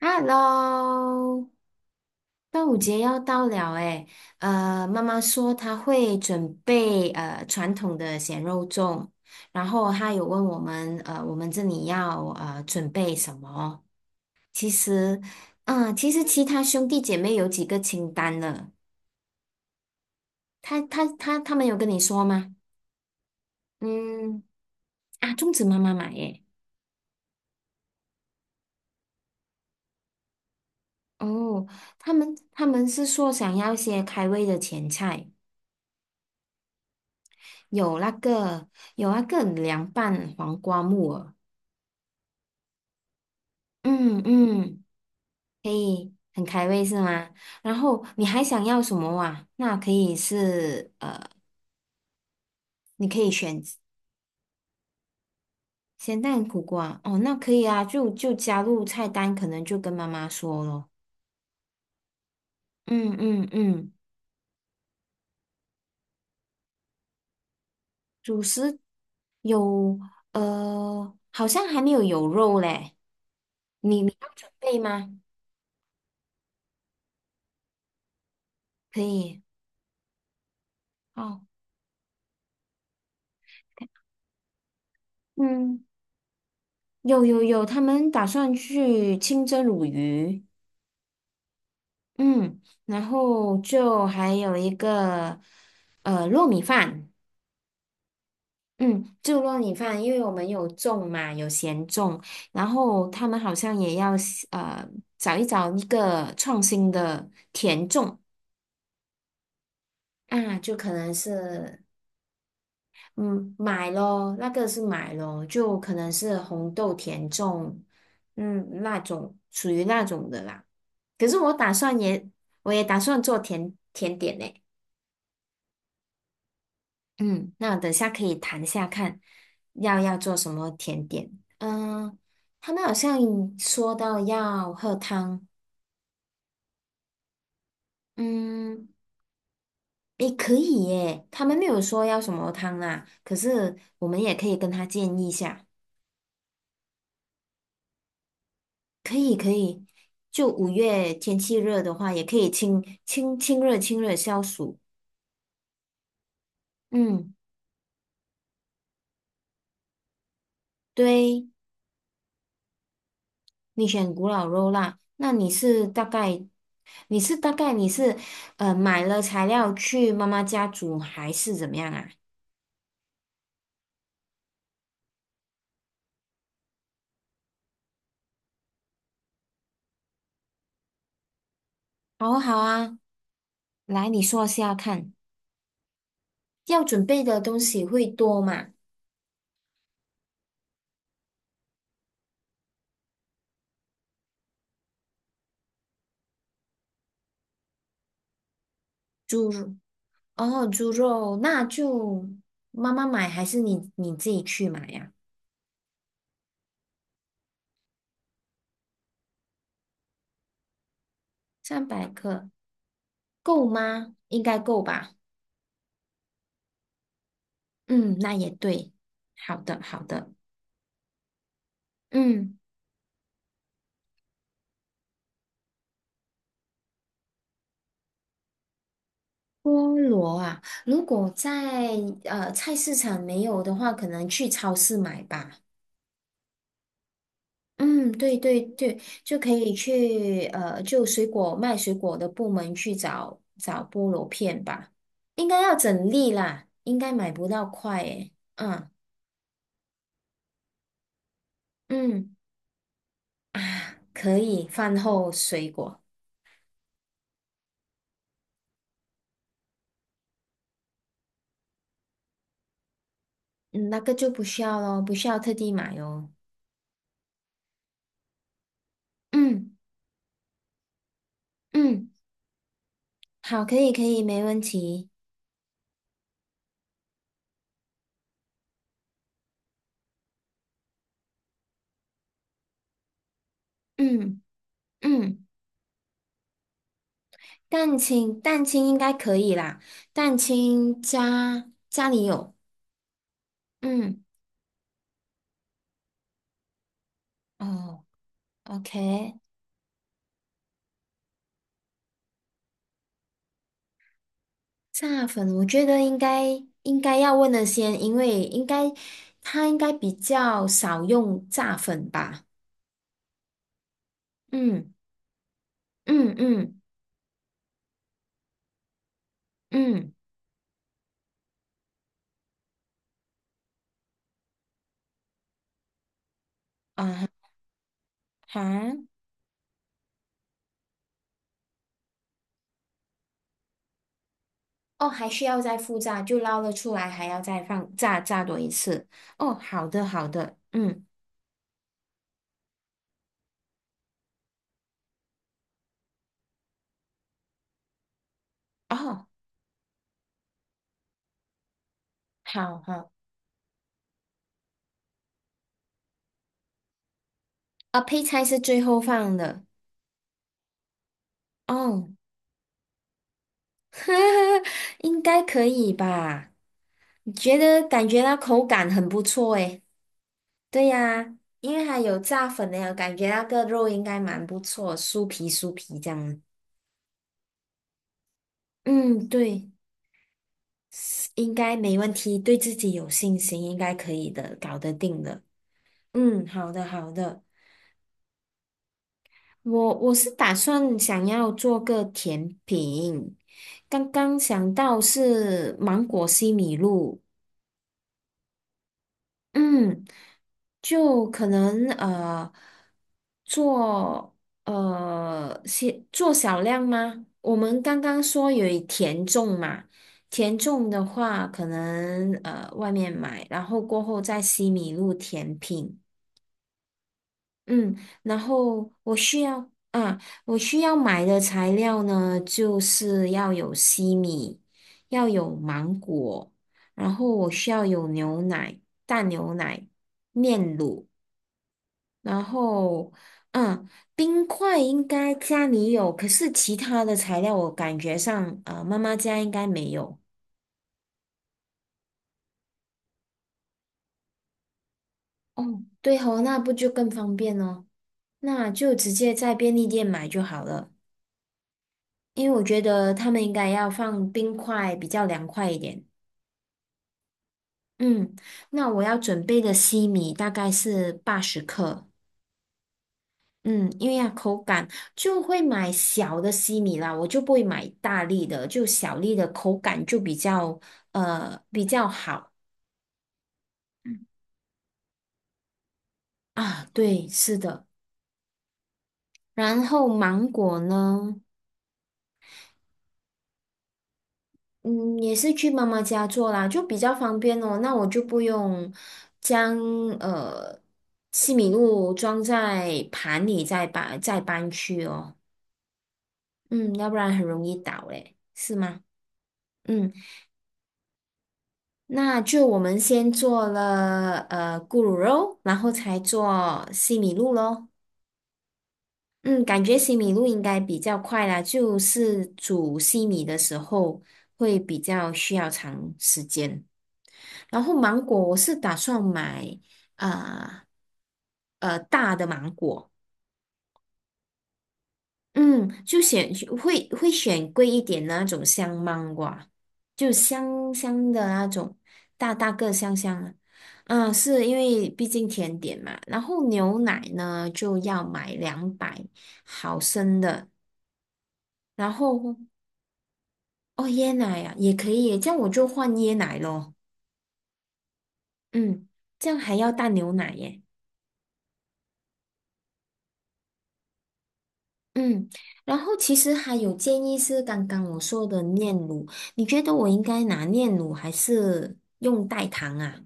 Hello，端午节要到了诶，妈妈说她会准备传统的咸肉粽，然后她有问我们我们这里要准备什么？其实，其实其他兄弟姐妹有几个清单了，他们有跟你说吗？嗯，啊，粽子妈妈买耶，哦，他们是说想要一些开胃的前菜。有那个有那个凉拌黄瓜木耳，嗯嗯，可以很开胃是吗？然后你还想要什么哇？那可以是你可以选咸蛋苦瓜哦，那可以啊，就加入菜单，可能就跟妈妈说咯。嗯嗯嗯，主食有好像还没有肉嘞，你要准备吗？可以哦，嗯。有有有，他们打算去清蒸鲈鱼，嗯，然后就还有一个糯米饭，嗯，就糯米饭，因为我们有种嘛，有咸粽，然后他们好像也要呃找一个创新的甜粽啊，就可能是嗯，买咯，那个是买咯，就可能是红豆甜粽，嗯，那种属于那种的啦。可是我打算也，我也打算做甜点呢。嗯，那等下可以谈下看要做什么甜点。嗯、他们好像说到要喝汤，嗯，也可以耶。他们没有说要什么汤啦，可是我们也可以跟他建议一下。可以可以，就5月天气热的话，也可以清热消暑。嗯，对，你选古老肉啦，那你是大概你是大概你是呃买了材料去妈妈家煮还是怎么样啊？好啊好啊，来你说下看，要准备的东西会多吗？猪肉哦，猪肉那就妈妈买还是你自己去买呀？300克够吗？应该够吧。嗯，那也对。好的，好的。嗯，菠萝啊，如果在菜市场没有的话，可能去超市买吧。嗯，对对对，就可以去水果卖水果的部门去找找菠萝片吧。应该要整粒啦，应该买不到块诶。嗯嗯啊，可以饭后水果，嗯，那个就不需要咯，不需要特地买哦。嗯嗯。好，可以，可以，没问题。嗯嗯，蛋清应该可以啦。蛋清家里有，嗯哦，OK。炸粉，我觉得应该要问的先，因为他应该比较少用炸粉吧。嗯嗯嗯嗯啊哈哦，还需要再复炸，就捞了出来，还要再放炸多一次。哦，好的好的，嗯哦，好好。啊，配菜是最后放的哦，应该可以吧？你觉得感觉到口感很不错诶。对呀，因为它有炸粉的呀，我感觉那个肉应该蛮不错，酥皮酥皮这样。嗯，对，应该没问题，对自己有信心，应该可以的，搞得定的。嗯，好的好的，我是打算想要做个甜品，刚刚想到是芒果西米露。嗯，就可能做些小量吗？我们刚刚说有一甜粽嘛，甜粽的话可能外面买，然后过后在西米露甜品。嗯，然后我需要买的材料呢，就是要有西米，要有芒果，然后我需要有牛奶、淡牛奶、炼乳，然后嗯，冰块应该家里有，可是其他的材料我感觉上，妈妈家应该没有。哦，对哦，那不就更方便哦？那就直接在便利店买就好了。因为我觉得他们应该要放冰块，比较凉快一点。嗯，那我要准备的西米大概是80克。嗯，因为要口感就会买小的西米啦，我就不会买大粒的，就小粒的口感就比较好啊。对，是的。然后芒果呢？嗯，也是去妈妈家做啦，就比较方便哦。那我就不用将呃西米露装在盘里再搬去哦。嗯，要不然很容易倒嘞，是吗？嗯，那就我们先做了咕噜肉，然后才做西米露咯。嗯，感觉西米露应该比较快啦，就是煮西米的时候会比较需要长时间。然后芒果我是打算买啊大的芒果，嗯，就会选贵一点的那种香芒果啊，就香香的那种，大大个香香的。嗯，是因为毕竟甜点嘛。然后牛奶呢就要买200毫升的，然后哦椰奶啊也可以耶，这样我就换椰奶咯。嗯，这样还要淡牛奶耶。嗯，然后其实还有建议是刚刚我说的炼乳，你觉得我应该拿炼乳还是用代糖啊？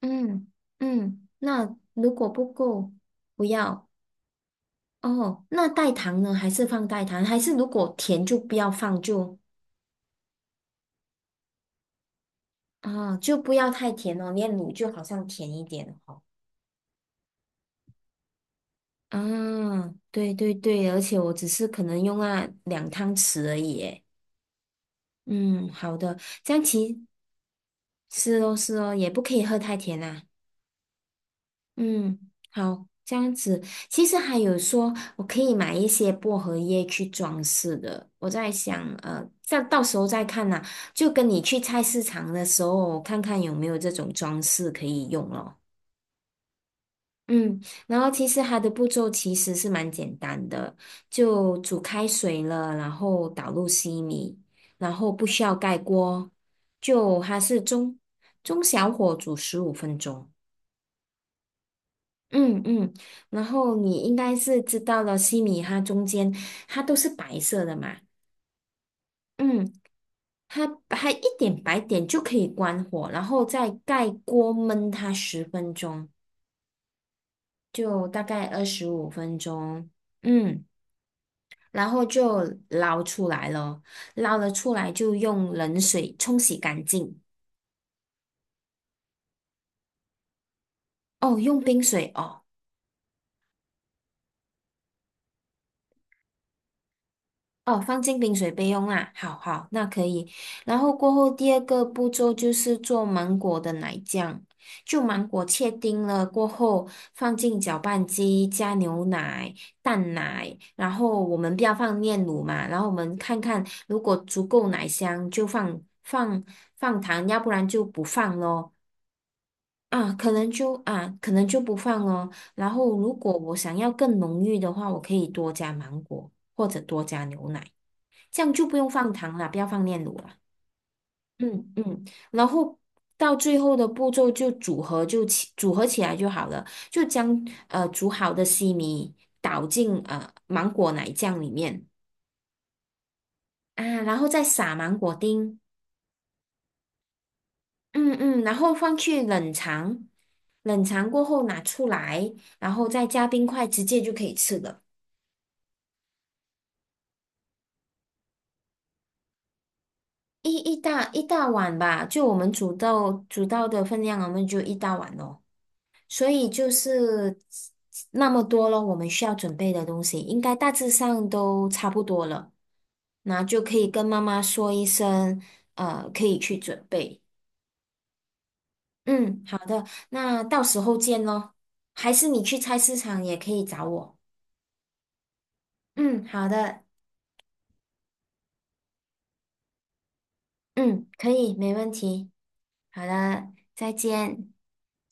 嗯嗯，那如果不够，不要哦。那代糖呢？还是放代糖？还是如果甜就不要放就不要太甜哦。炼乳就好像甜一点哦。啊，对对对，而且我只是可能用那两汤匙而已耶。嗯，好的，这样是哦，是哦，也不可以喝太甜啦。嗯，好，这样子。其实还有说，我可以买一些薄荷叶去装饰的。我在想，再到时候再看呐。就跟你去菜市场的时候，看看有没有这种装饰可以用咯。嗯，然后其实它的步骤其实是蛮简单的，就煮开水了，然后倒入西米，然后不需要盖锅，就它是中小火煮十五分钟。嗯嗯，然后你应该是知道了，西米它中间它都是白色的嘛，嗯，它一点白点就可以关火，然后再盖锅焖它10分钟，就大概25分钟，嗯，然后就捞出来了，捞了出来就用冷水冲洗干净，哦，用冰水哦。哦，放进冰水备用啦。好好，那可以。然后过后第二个步骤就是做芒果的奶酱，就芒果切丁了过后，放进搅拌机加牛奶、淡奶，然后我们不要放炼乳嘛，然后我们看看如果足够奶香就放糖，要不然就不放咯。啊，可能就不放咯。然后如果我想要更浓郁的话，我可以多加芒果或者多加牛奶。这样就不用放糖了，不要放炼乳了。嗯嗯，然后到最后的步骤就组合起来就好了，就将煮好的西米倒进芒果奶酱里面啊，然后再撒芒果丁，嗯嗯，然后放去冷藏，冷藏过后拿出来，然后再加冰块，直接就可以吃了。一大碗吧，就我们煮到的分量，我们就一大碗咯，所以就是那么多了，我们需要准备的东西应该大致上都差不多了，那就可以跟妈妈说一声，可以去准备。嗯，好的，那到时候见咯。还是你去菜市场也可以找我。嗯，好的，嗯，可以，没问题。好的，再见。